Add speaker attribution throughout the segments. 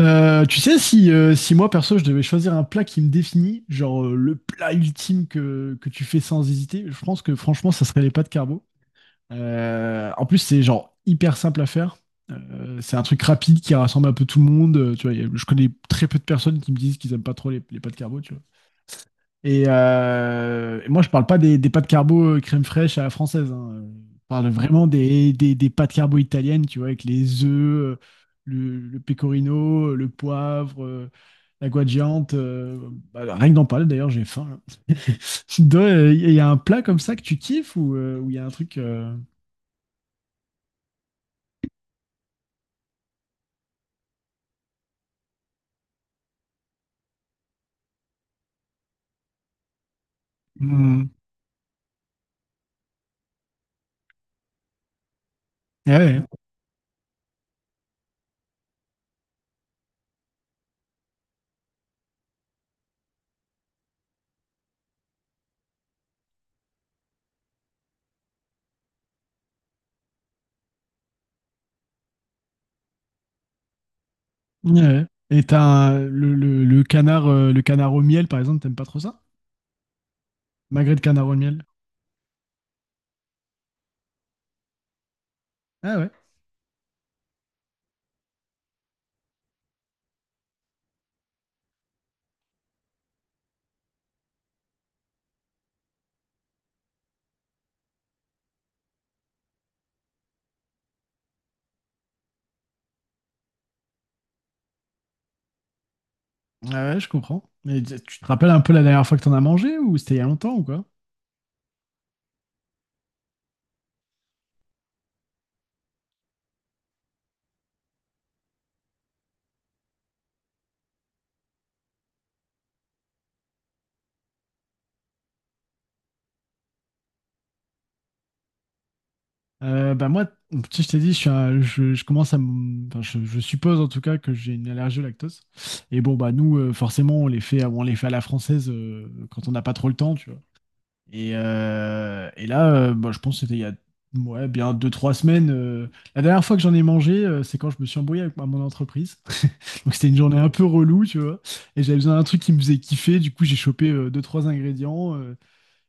Speaker 1: Tu sais, si, si moi perso je devais choisir un plat qui me définit, genre le plat ultime que tu fais sans hésiter, je pense que franchement ça serait les pâtes carbo. En plus c'est genre hyper simple à faire. C'est un truc rapide qui rassemble un peu tout le monde. Je connais très peu de personnes qui me disent qu'ils aiment pas trop les pâtes carbo, et, moi, je parle pas des pâtes carbo crème fraîche à la française, hein. Je parle vraiment des pâtes carbo italiennes, tu vois, avec les œufs, le pecorino, le poivre, la guanciale. Bah, rien que d'en parler, d'ailleurs, j'ai faim. Là. Il y a un plat comme ça que tu kiffes ou il y a un truc? Hmm, ouais, ouais, ouais. Et le, le canard, le canard au miel, par exemple, t'aimes pas trop ça? Magret de canard au miel. Ah ouais. Ah ouais, je comprends. Mais tu te rappelles un peu la dernière fois que t'en as mangé ou c'était il y a longtemps ou quoi? Bah moi, si je t'ai dit, je commence enfin, je suppose en tout cas que j'ai une allergie au lactose. Et bon bah nous, forcément, on les fait à la française quand on n'a pas trop le temps, tu vois. Et, bah, je pense que c'était il y a ouais, bien deux trois semaines. La dernière fois que j'en ai mangé, c'est quand je me suis embrouillé avec mon entreprise. Donc c'était une journée un peu relou, tu vois. Et j'avais besoin d'un truc qui me faisait kiffer. Du coup, j'ai chopé deux trois ingrédients.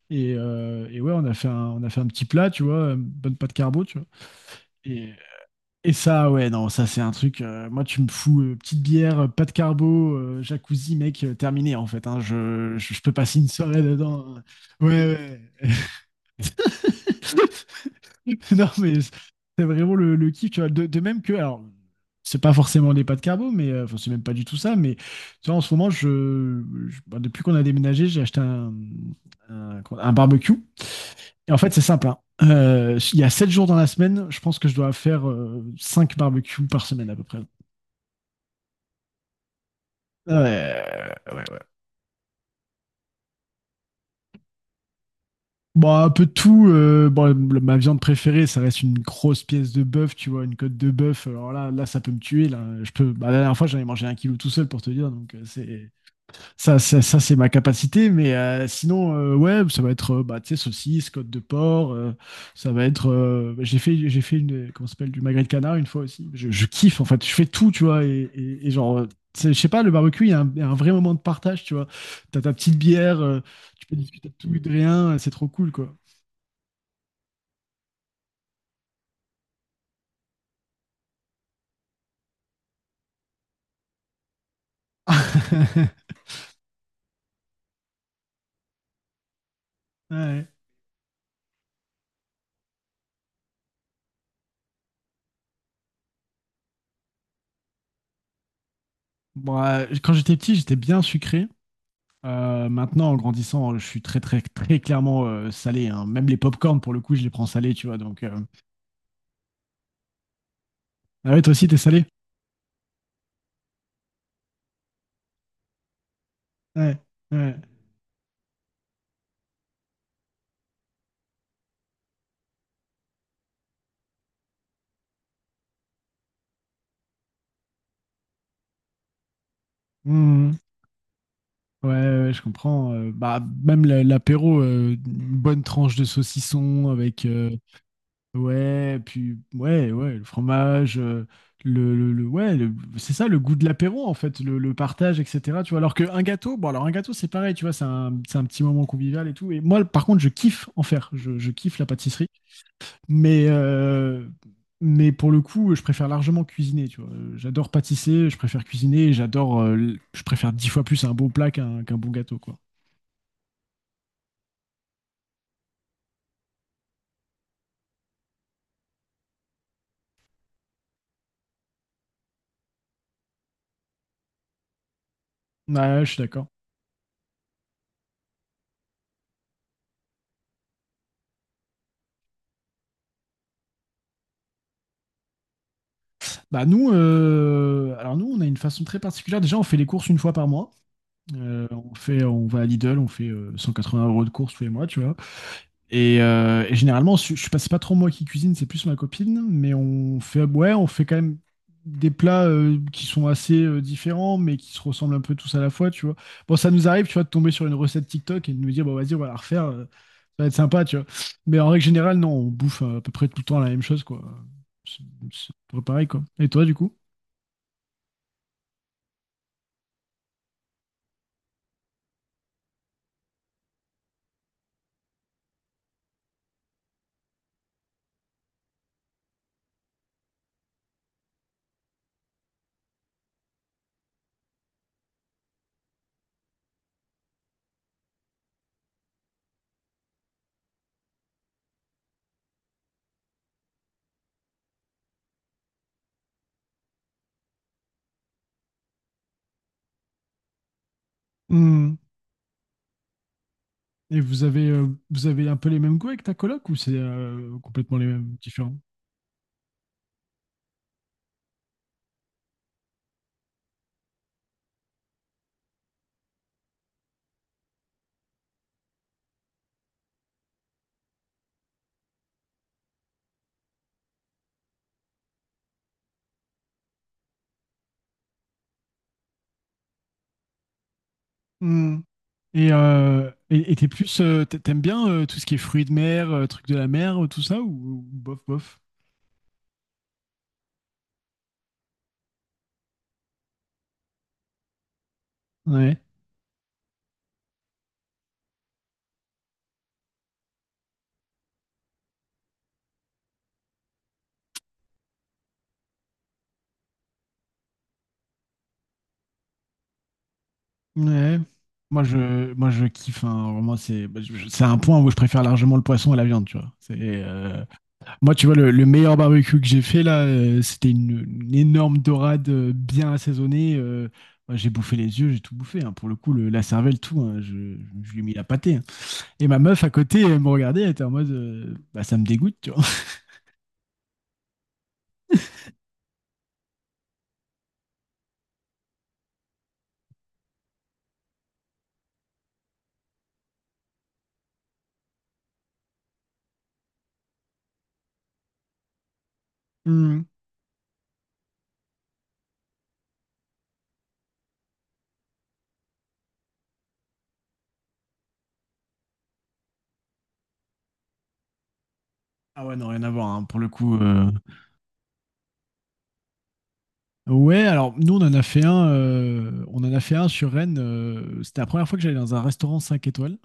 Speaker 1: Et, et ouais, on a fait un petit plat, tu vois, une bonne pâte carbo, tu vois. Et, et ça, ouais, non, ça c'est un truc. Moi, tu me fous petite bière, pâte carbo, jacuzzi, mec, terminé en fait, hein. Je peux passer une soirée dedans. Ouais, ouais. Non, mais c'est vraiment le kiff, tu vois. De même que, alors, c'est pas forcément des pâtes carbo, mais enfin, c'est même pas du tout ça. Mais tu vois, en ce moment, bah, depuis qu'on a déménagé, j'ai acheté un barbecue. Et en fait, c'est sympa. Il y a 7 jours dans la semaine, je pense que je dois faire 5 barbecues par semaine à peu près. Ouais, ouais, ouais. Bon, un peu de tout. Bon, ma viande préférée, ça reste une grosse pièce de bœuf, tu vois, une côte de bœuf. Alors ça peut me tuer. Là, je peux. Bah, la dernière fois, j'en ai mangé un kilo tout seul pour te dire. Donc, c'est ça, c'est ma capacité, mais sinon, ouais, ça va être, bah, tu sais, saucisse, côte de porc, ça va être, bah, j'ai fait une, comment ça s'appelle, du magret de canard une fois aussi. Je kiffe, en fait, je fais tout, tu vois, et genre, tu sais, je sais pas, le barbecue, il y a un vrai moment de partage, tu vois. T'as ta petite bière, tu peux discuter de tout et de rien, c'est trop cool, quoi. Ouais. Bon, quand j'étais petit, j'étais bien sucré. Maintenant, en grandissant, je suis très, très, très clairement salé, hein. Même les pop-corn, pour le coup, je les prends salés, tu vois. Donc, Ah ouais, toi aussi, t'es salé? Ouais, ouais. Mhm. Ouais, ouais, je comprends. Bah, même l'apéro, une bonne tranche de saucisson avec. Ouais, puis, ouais, ouais, le fromage. Ouais, c'est ça, le goût de l'apéro, en fait, le partage, etc. Tu vois, alors qu'un gâteau, bon, alors un gâteau, c'est pareil, tu vois, c'est un petit moment convivial et tout. Et moi, par contre, je kiffe en faire. Je kiffe la pâtisserie. Mais, mais pour le coup, je préfère largement cuisiner, tu vois. J'adore pâtisser, je préfère cuisiner, et j'adore, je préfère dix fois plus un bon plat qu'un bon gâteau, quoi. Ouais, je suis d'accord. Bah nous, on a une façon très particulière. Déjà, on fait les courses une fois par mois. On va à Lidl, on fait 180 € de courses tous les mois, tu vois. Et, et généralement, je passe pas trop moi qui cuisine, c'est plus ma copine, mais on fait, ouais, on fait quand même des plats qui sont assez différents, mais qui se ressemblent un peu tous à la fois, tu vois. Bon, ça nous arrive, tu vois, de tomber sur une recette TikTok et de nous dire, bon, vas-y, on va la refaire, ça va être sympa, tu vois. Mais en règle générale, non, on bouffe à peu près tout le temps la même chose, quoi. C'est c'est à peu près pareil, quoi. Et toi, du coup? Hmm. Et vous avez un peu les mêmes goûts avec ta coloc ou c'est complètement les mêmes, différents? Et t'es plus, t'aimes bien tout ce qui est fruits de mer, trucs de la mer, tout ça, ou bof, bof? Ouais, ouais. Moi, je kiffe, hein. Vraiment, c'est, bah, c'est un point où je préfère largement le poisson à la viande, tu vois. Moi, tu vois, le meilleur barbecue que j'ai fait là, c'était une énorme dorade bien assaisonnée. Moi, j'ai bouffé les yeux, j'ai tout bouffé, hein. Pour le coup, la cervelle, tout, hein. Je lui ai mis la pâtée, hein. Et ma meuf à côté, elle me regardait, elle était en mode, bah, ça me dégoûte, tu vois. Ah ouais, non, rien à voir, hein, pour le coup. Ouais, alors nous, on en a fait un, on en a fait un sur Rennes. C'était la première fois que j'allais dans un restaurant 5 étoiles.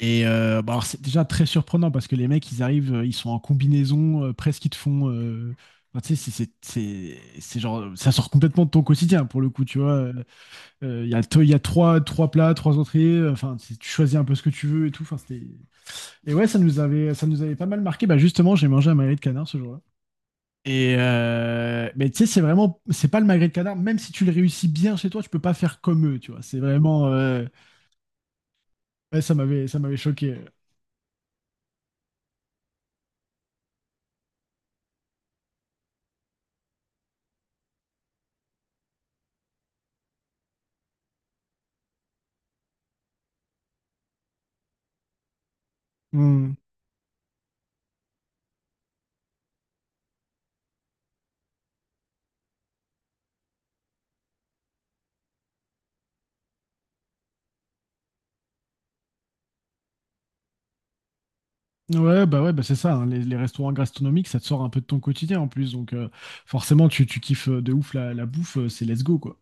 Speaker 1: Et bah, alors, c'est déjà très surprenant parce que les mecs, ils arrivent, ils sont en combinaison, presque ils te font. Enfin, tu sais, c'est genre. Ça sort complètement de ton quotidien, pour le coup, tu vois. Il y a, il y a trois, trois plats, trois entrées. Enfin, tu choisis un peu ce que tu veux et tout. Enfin, c'était... Et ouais, ça nous avait pas mal marqué. Bah, justement, j'ai mangé un magret de canard ce jour-là. Mais tu sais, c'est vraiment, c'est pas le magret de canard. Même si tu le réussis bien chez toi, tu peux pas faire comme eux, tu vois. C'est vraiment, ouais, ça m'avait choqué. Hmm. Ouais, bah c'est ça, hein. Les restaurants gastronomiques, ça te sort un peu de ton quotidien en plus, donc forcément, tu kiffes de ouf la, la bouffe. C'est let's go, quoi.